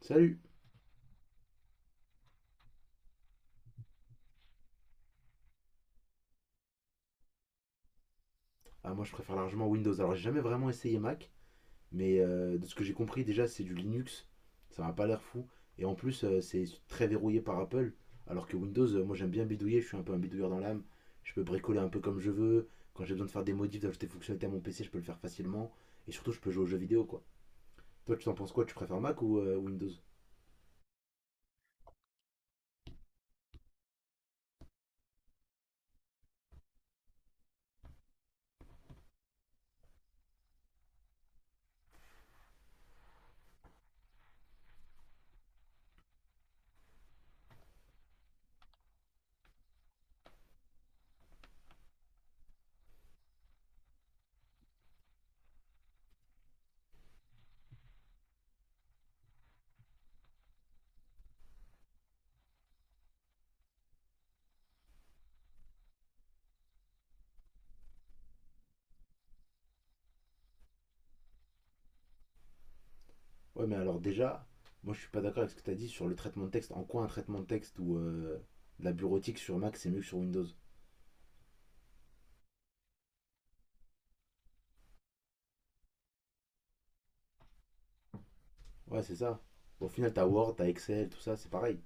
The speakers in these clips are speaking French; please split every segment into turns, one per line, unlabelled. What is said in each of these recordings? Salut. Ah, moi je préfère largement Windows. Alors j'ai jamais vraiment essayé Mac, mais de ce que j'ai compris, déjà c'est du Linux, ça m'a pas l'air fou. Et en plus, c'est très verrouillé par Apple, alors que Windows, moi j'aime bien bidouiller, je suis un peu un bidouilleur dans l'âme. Je peux bricoler un peu comme je veux. Quand j'ai besoin de faire des modifs, d'ajouter des fonctionnalités à mon PC, je peux le faire facilement. Et surtout, je peux jouer aux jeux vidéo quoi. Toi, tu t'en penses quoi? Tu préfères Mac ou Windows? Ouais, mais alors déjà, moi je suis pas d'accord avec ce que tu as dit sur le traitement de texte. En quoi un traitement de texte ou de la bureautique sur Mac c'est mieux que sur Windows? Ouais, c'est ça. Au final, t'as Word, t'as Excel, tout ça, c'est pareil.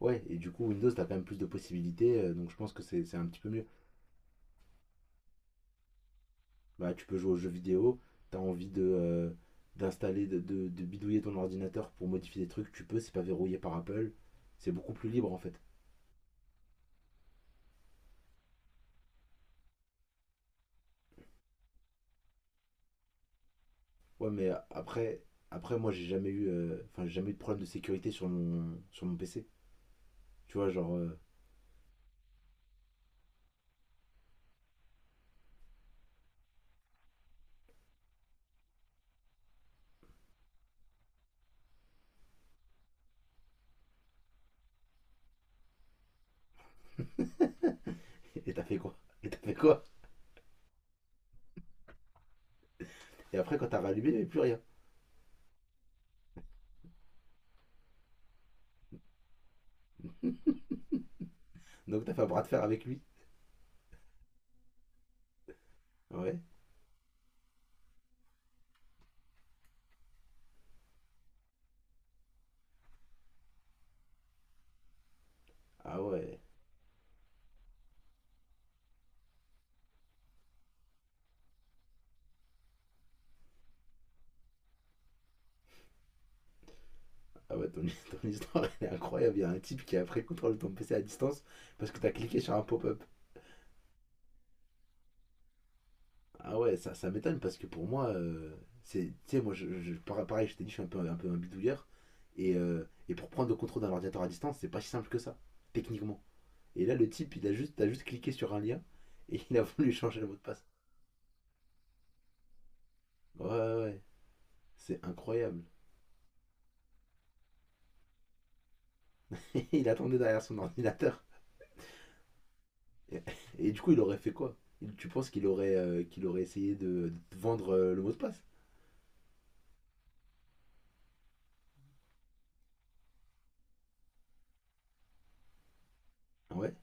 Ouais, et du coup, Windows, t'as quand même plus de possibilités, donc je pense que c'est un petit peu mieux. Bah, tu peux jouer aux jeux vidéo, t'as envie de d'installer, de bidouiller ton ordinateur pour modifier des trucs, tu peux, c'est pas verrouillé par Apple, c'est beaucoup plus libre en fait. Ouais, mais après, après moi, j'ai jamais eu, j'ai jamais eu de problème de sécurité sur mon PC. Tu vois, genre, et t'as fait quoi? Et t'as fait quoi? Et après, quand t'as rallumé, il n'y avait plus rien. Donc, t'as fait un bras de fer avec lui. Ouais. Ah ouais. Ah ouais, ton, ton histoire, elle est incroyable. Il y a un type qui a pris le contrôle de ton PC à distance parce que t'as cliqué sur un pop-up. Ah ouais, ça m'étonne parce que pour moi, c'est, tu sais, moi, pareil, je t'ai dit, je suis un peu peu un bidouilleur. Et pour prendre le contrôle d'un ordinateur à distance, c'est pas si simple que ça, techniquement. Et là, le type, t'as juste cliqué sur un lien. Et il a voulu changer le mot de passe. Ouais, ouais, ouais, c'est incroyable. Il attendait derrière son ordinateur. Et, et du coup, il aurait fait quoi? Tu penses qu'il aurait essayé de te vendre le mot de passe? Ah ouais.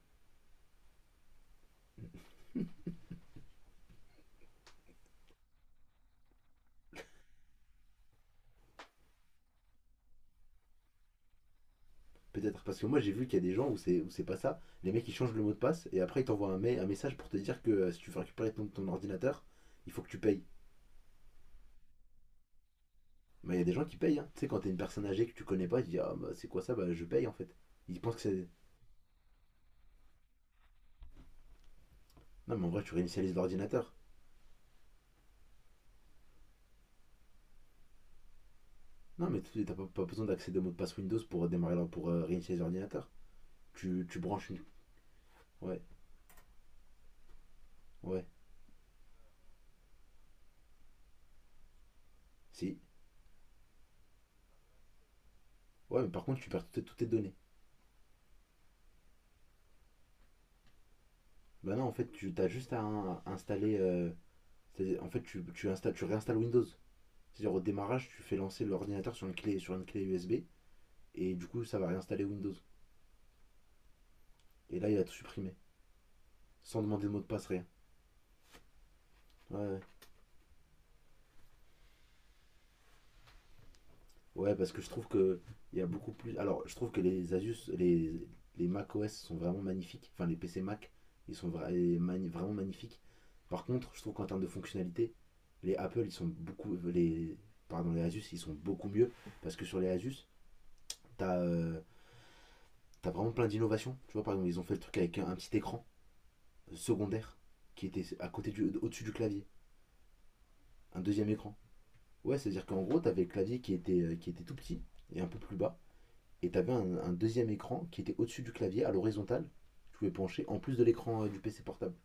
Peut-être. Parce que moi, j'ai vu qu'il y a des gens où c'est pas ça. Les mecs, ils changent le mot de passe et après, ils t'envoient un, un message pour te dire que si tu veux récupérer ton, ton ordinateur, il faut que tu payes. Bah, il y a des gens qui payent, hein. Tu sais, quand t'es une personne âgée que tu connais pas, tu dis: ah, bah, c'est quoi ça? Bah, je paye en fait. Ils pensent que c'est. Non, mais en vrai, tu réinitialises l'ordinateur. Non, mais t'as pas, pas besoin d'accéder au mot de passe Windows pour démarrer pour réinitialiser l'ordinateur. Tu branches une. Ouais, ouais, si. Ouais, mais par contre, tu perds toutes, toutes tes données. Bah, non, en fait, tu as juste à, à installer. En fait, tu installes, tu réinstalles Windows. C'est-à-dire au démarrage, tu fais lancer l'ordinateur sur une clé USB et du coup ça va réinstaller Windows. Et là il a tout supprimé sans demander de mot de passe rien. Ouais, ouais. Ouais, parce que je trouve que il y a beaucoup plus. Alors je trouve que les Asus, les Mac OS sont vraiment magnifiques. Enfin les PC Mac, ils sont vraiment magnifiques. Par contre, je trouve qu'en termes de fonctionnalité, les Apple ils sont beaucoup les pardon les Asus ils sont beaucoup mieux parce que sur les Asus t'as t'as vraiment plein d'innovations. Tu vois par exemple ils ont fait le truc avec un petit écran secondaire qui était à côté du, au-dessus du clavier, un deuxième écran. Ouais, c'est-à-dire qu'en gros, t'avais le clavier qui était tout petit et un peu plus bas, et t'avais un deuxième écran qui était au-dessus du clavier, à l'horizontale. Tu pouvais pencher en plus de l'écran du PC portable.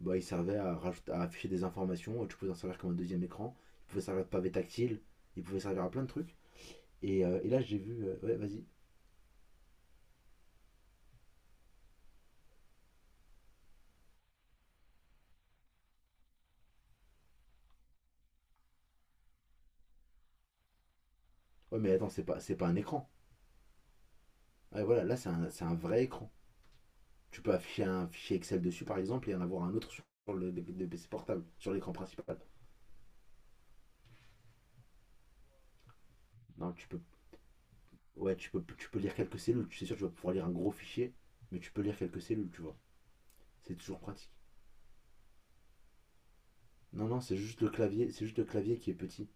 Bah, il servait à afficher des informations, tu pouvais en servir comme un deuxième écran, il pouvait servir de pavé tactile, il pouvait servir à plein de trucs. Et là, j'ai vu, ouais, vas-y. Ouais, mais attends, c'est pas un écran. Ouais, voilà, là, c'est un vrai écran. Tu peux afficher un fichier Excel dessus, par exemple, et en avoir un autre sur le, le PC portable, sur l'écran principal. Non, tu peux, ouais, tu peux lire quelques cellules. Tu sais sûr, tu vas pouvoir lire un gros fichier, mais tu peux lire quelques cellules, tu vois. C'est toujours pratique. Non, non, c'est juste le clavier, c'est juste le clavier qui est petit.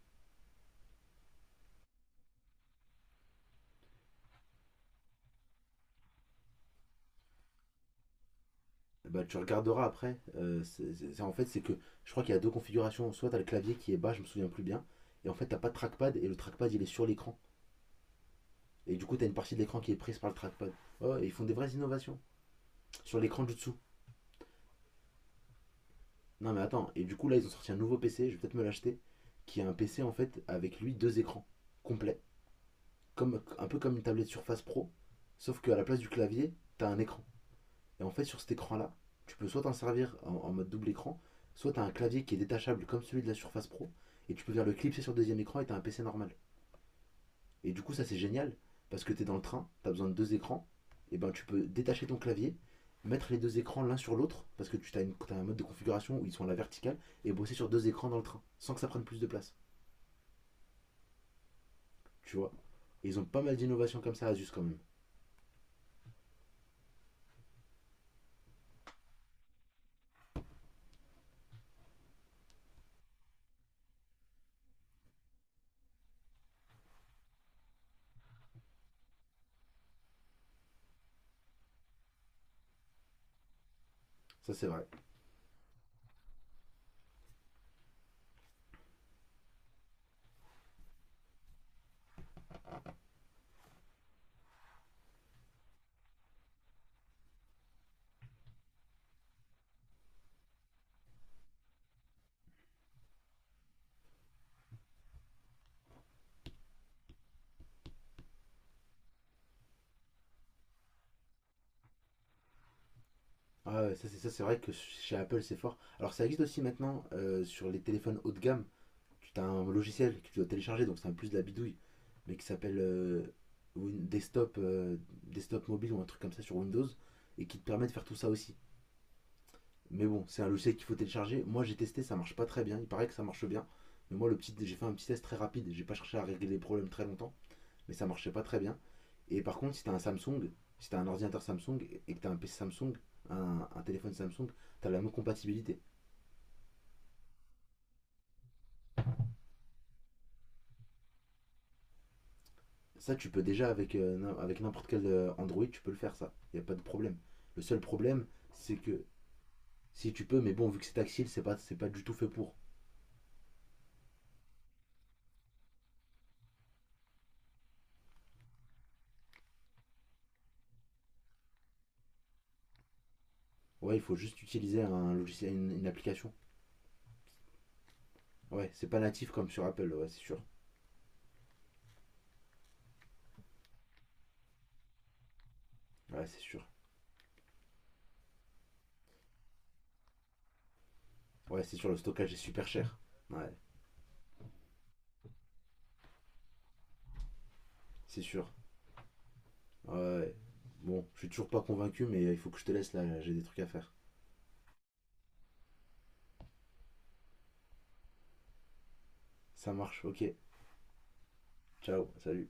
Bah, tu regarderas après. En fait, c'est que je crois qu'il y a deux configurations. Soit t'as le clavier qui est bas, je me souviens plus bien, et en fait t'as pas de trackpad et le trackpad il est sur l'écran. Et du coup t'as une partie de l'écran qui est prise par le trackpad. Ouais, ouais, ils font des vraies innovations sur l'écran du dessous. Non mais attends, et du coup là ils ont sorti un nouveau PC, je vais peut-être me l'acheter, qui est un PC en fait avec lui deux écrans complets, comme, un peu comme une tablette Surface Pro, sauf qu'à la place du clavier, t'as un écran. Et en fait sur cet écran là, tu peux soit t'en servir en, en mode double écran, soit t'as un clavier qui est détachable comme celui de la Surface Pro, et tu peux venir le clipser sur le deuxième écran et t'as un PC normal. Et du coup, ça c'est génial parce que tu es dans le train, tu as besoin de deux écrans, et ben tu peux détacher ton clavier, mettre les deux écrans l'un sur l'autre parce que tu as, as un mode de configuration où ils sont à la verticale et bosser sur deux écrans dans le train sans que ça prenne plus de place, tu vois. Et ils ont pas mal d'innovations comme ça, Asus quand même. Ça c'est vrai. Ah ouais, ça c'est vrai que chez Apple c'est fort. Alors ça existe aussi maintenant sur les téléphones haut de gamme tu as un logiciel que tu dois télécharger, donc c'est un plus de la bidouille, mais qui s'appelle Desktop, Desktop Mobile ou un truc comme ça sur Windows, et qui te permet de faire tout ça aussi. Mais bon, c'est un logiciel qu'il faut télécharger. Moi j'ai testé, ça marche pas très bien. Il paraît que ça marche bien. Mais moi le petit, j'ai fait un petit test très rapide. J'ai pas cherché à régler les problèmes très longtemps, mais ça marchait pas très bien. Et par contre, si t'as un Samsung, si t'as un ordinateur Samsung et que t'as un PC Samsung, un téléphone Samsung, t'as la même compatibilité. Ça, tu peux déjà avec, avec n'importe quel Android, tu peux le faire, ça. Il n'y a pas de problème. Le seul problème, c'est que si tu peux, mais bon, vu que c'est tactile, c'est pas du tout fait pour. Ouais, il faut juste utiliser un logiciel, une application. Ouais, c'est pas natif comme sur Apple, ouais, c'est sûr. Ouais, c'est sûr. Ouais, c'est sûr, le stockage est super cher. Ouais, c'est sûr. Ouais. Bon, je suis toujours pas convaincu, mais il faut que je te laisse là, j'ai des trucs à faire. Ça marche, ok. Ciao, salut.